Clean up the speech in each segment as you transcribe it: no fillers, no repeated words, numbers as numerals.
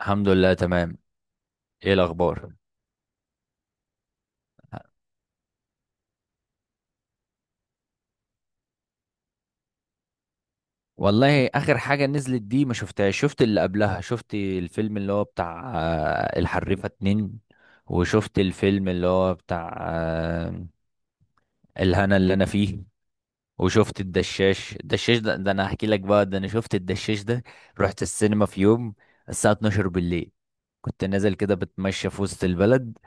الحمد لله تمام. ايه الاخبار؟ والله اخر حاجه نزلت دي ما شفتهاش، شفت اللي قبلها، شفت الفيلم اللي هو بتاع الحريفه اتنين، وشفت الفيلم اللي هو بتاع الهنا اللي انا فيه. وشفت الدشاش ده، انا هحكي لك بقى، ده انا شفت الدشاش ده. رحت السينما في يوم، الساعه 12 بالليل، كنت نازل كده بتمشى في وسط البلد،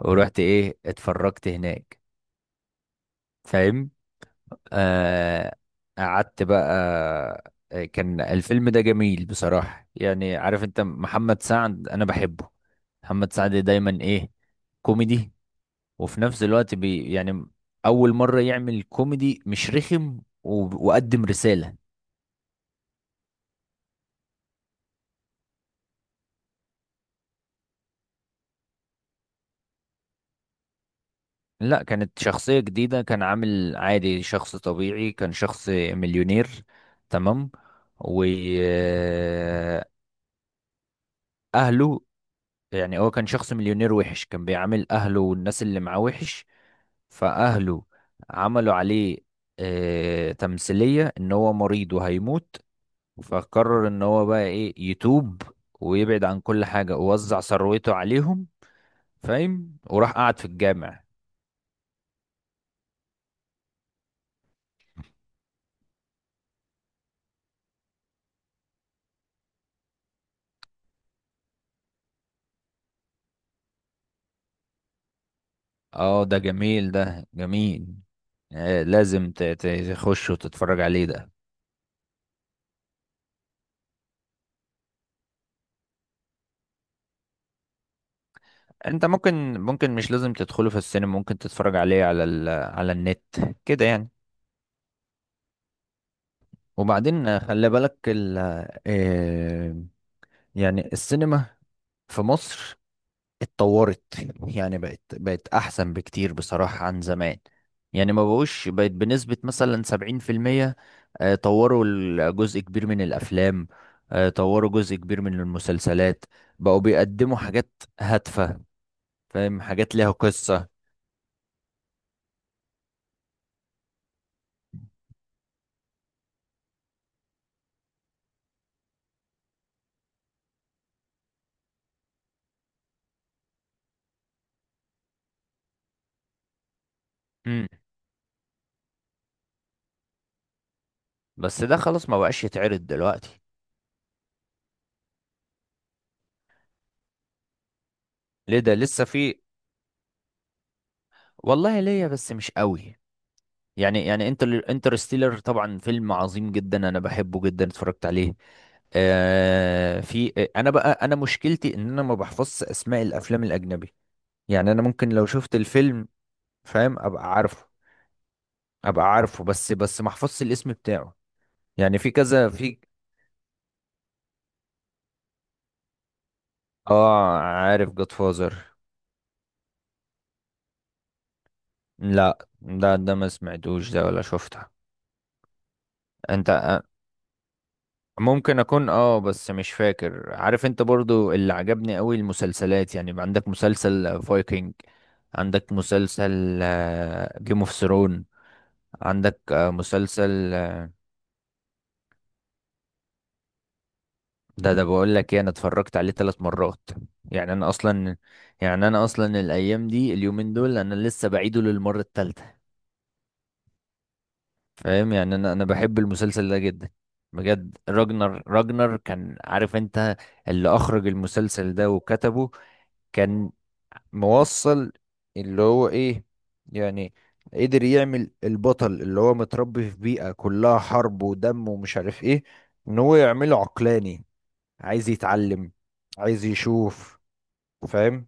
ورحت ايه، اتفرجت هناك، فاهم. آه، قعدت بقى. كان الفيلم ده جميل بصراحة، يعني عارف انت، محمد سعد انا بحبه. محمد سعد دايما ايه؟ كوميدي. وفي نفس الوقت يعني اول مرة يعمل كوميدي مش رخم، وقدم رسالة. لا كانت شخصية جديدة، كان عامل عادي، شخص طبيعي، كان شخص مليونير. تمام. وأهله، يعني هو كان شخص مليونير وحش، كان بيعامل أهله والناس اللي معاه وحش. فأهله عملوا عليه تمثيلية إن هو مريض وهيموت، فقرر إن هو بقى إيه، يتوب ويبعد عن كل حاجة، ووزع ثروته عليهم، فاهم. وراح قعد في الجامع. اه، ده جميل، ده جميل. لازم تخش وتتفرج عليه ده. انت ممكن مش لازم تدخله في السينما، ممكن تتفرج عليه على النت كده يعني. وبعدين خلي بالك ال آه، يعني السينما في مصر اتطورت. يعني بقت احسن بكتير بصراحة عن زمان. يعني ما بقوش، بقت بنسبة مثلا 70%. طوروا جزء كبير من الافلام. طوروا جزء كبير من المسلسلات، بقوا بيقدموا حاجات هادفة، فاهم، حاجات ليها قصة. مم. بس ده خلاص ما بقاش يتعرض دلوقتي. ليه؟ ده لسه في. والله ليا، بس مش قوي، يعني انترستيلر طبعا فيلم عظيم جدا انا بحبه جدا، اتفرجت عليه. آه في انا بقى، انا مشكلتي ان انا ما بحفظش اسماء الافلام الاجنبي. يعني انا ممكن لو شفت الفيلم، فاهم، ابقى عارفه. بس ما احفظش الاسم بتاعه. يعني في كذا في. اه، عارف جود فازر. لا، ده ما سمعتوش، ده ولا شفتها. انت، ممكن اكون، اه، بس مش فاكر. عارف انت، برضو اللي عجبني قوي المسلسلات، يعني يبقى عندك مسلسل فايكنج، عندك مسلسل جيم اوف ثرون، عندك مسلسل ده بقول لك ايه، انا اتفرجت عليه 3 مرات. يعني انا اصلا يعني انا اصلا الايام دي، اليومين دول انا لسه بعيده للمره الثالثه، فاهم. يعني انا بحب المسلسل ده جدا، بجد. راجنر كان، عارف انت، اللي اخرج المسلسل ده وكتبه كان موصل، اللي هو ايه يعني، قدر يعمل البطل اللي هو متربي في بيئة كلها حرب ودم ومش عارف ايه، ان هو يعمله عقلاني، عايز يتعلم، عايز يشوف، فاهم.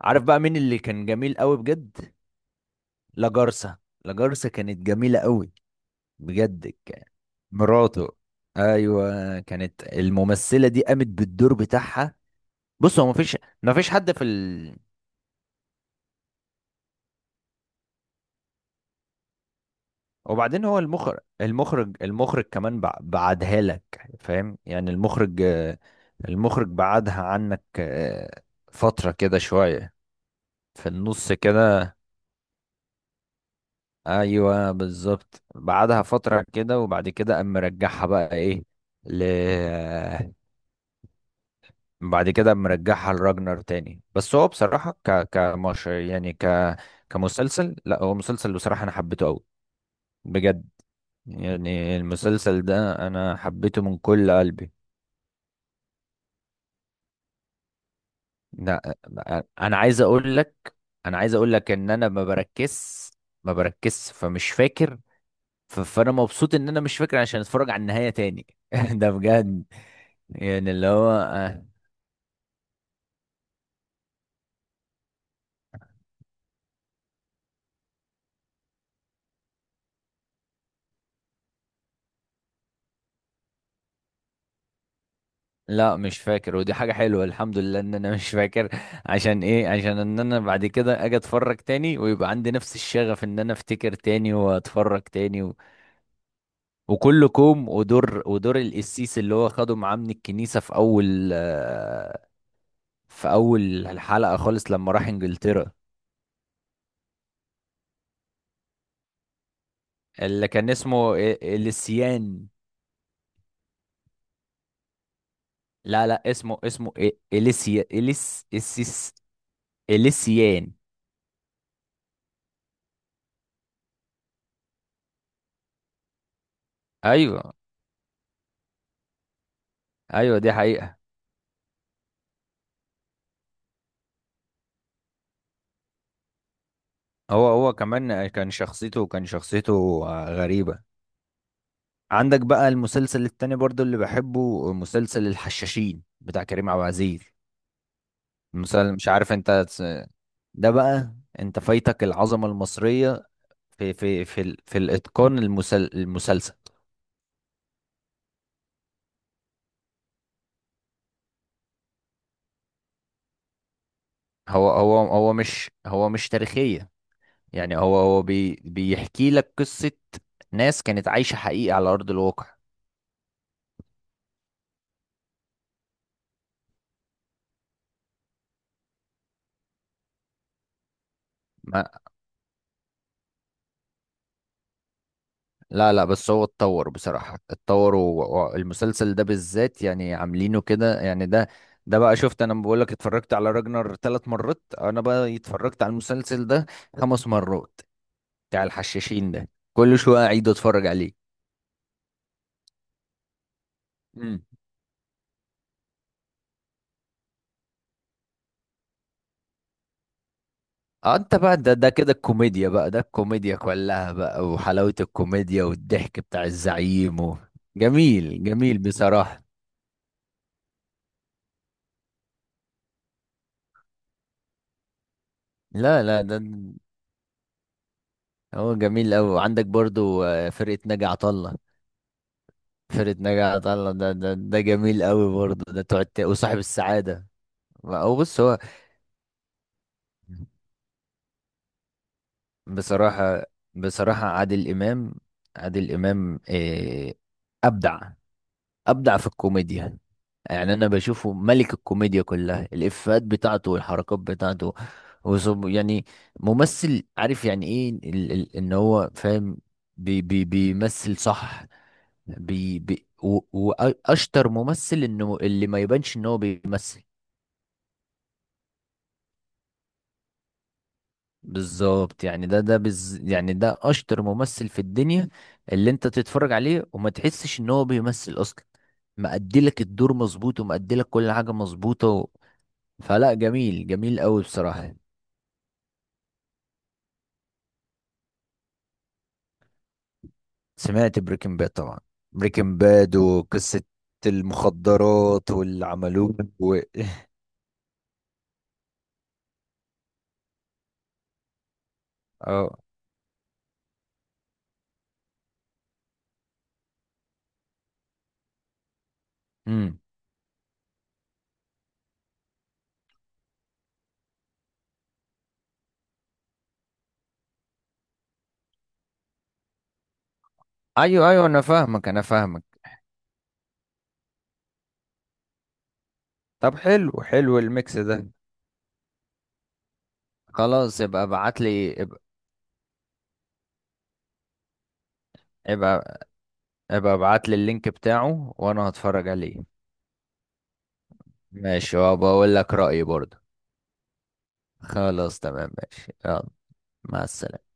عارف بقى مين اللي كان جميل قوي بجد؟ لاجارسا. لاجارسا كانت جميلة قوي، بجد مراته. ايوه كانت الممثلة دي قامت بالدور بتاعها. بص، هو مفيش حد في. وبعدين هو المخرج كمان بعدها لك، فاهم يعني، المخرج، المخرج بعدها عنك فترة كده شوية، في النص كده. ايوه بالظبط، بعدها فترة كده، وبعد كده قام مرجعها بقى ايه، ل بعد كده قام مرجعها لراجنر تاني. بس هو بصراحة كمش يعني، كمسلسل، لا هو مسلسل بصراحة انا حبيته قوي، بجد. يعني المسلسل ده انا حبيته من كل قلبي. لا، انا عايز اقول لك انا عايز اقول لك ان انا ما بركزش فمش فاكر. فانا مبسوط ان انا مش فاكر، عشان اتفرج على النهاية تاني. ده بجد. يعني اللي هو لا مش فاكر، ودي حاجة حلوة الحمد لله ان انا مش فاكر. عشان ايه؟ عشان ان انا بعد كده اجي اتفرج تاني ويبقى عندي نفس الشغف ان انا افتكر تاني واتفرج تاني و... وكل كوم، ودور القسيس اللي هو خده معاه من الكنيسة في اول، الحلقة خالص لما راح انجلترا، اللي كان اسمه اليسيان. لا لا اسمه اليسيان. ايوه، ايوه دي حقيقة. هو كمان كان شخصيته غريبة. عندك بقى المسلسل التاني برضو اللي بحبه، مسلسل الحشاشين بتاع كريم عبد العزيز. المسلسل، مش عارف انت ده بقى، انت فايتك العظمة المصرية في الاتقان، المسلسل. هو مش تاريخية، يعني هو بيحكي لك قصة ناس كانت عايشة حقيقي على أرض الواقع. ما لا لا، بس هو اتطور بصراحة، اتطور، والمسلسل ده بالذات يعني عاملينه كده، يعني ده بقى شفت، انا بقول لك اتفرجت على راجنر 3 مرات، انا بقى اتفرجت على المسلسل ده 5 مرات، بتاع الحشاشين ده، كل شوية اعيد اتفرج عليه. اه، انت بقى ده كده الكوميديا بقى، ده الكوميديا كلها بقى، وحلاوة الكوميديا والضحك بتاع الزعيم و... جميل، جميل بصراحة. لا لا، ده هو جميل أوي، وعندك برضو فرقة ناجي عطا الله. فرقة ناجي عطا الله ده جميل أوي برضو. ده تقعد وصاحب السعادة. هو بص، هو بصراحة بصراحة عادل إمام إيه؟ أبدع، ابدع في الكوميديا. يعني انا بشوفه ملك الكوميديا كلها، الافيهات بتاعته والحركات بتاعته، وصب يعني ممثل عارف يعني ايه ال ال ان هو فاهم، بي بي بيمثل صح، واشطر ممثل انه اللي ما يبانش ان هو بيمثل. بالظبط، يعني ده بز يعني، ده اشطر ممثل في الدنيا، اللي انت تتفرج عليه وما تحسش ان هو بيمثل اصلا، مأدي لك الدور مظبوط ومأدي لك كل حاجة مظبوطة. فلا، جميل، جميل قوي بصراحة. سمعت بريكنج باد طبعا، بريكنج باد وقصة المخدرات واللي عملوه و... اه. امم. ايوه ايوه، انا فاهمك، انا فاهمك. طب حلو، حلو الميكس ده، خلاص يبقى ابعت لي، يبقى يبقى يبقى ابعت لي اللينك بتاعه وانا هتفرج عليه. ماشي، وبقول لك رأيي برضه. خلاص تمام، ماشي، يلا، مع السلامة.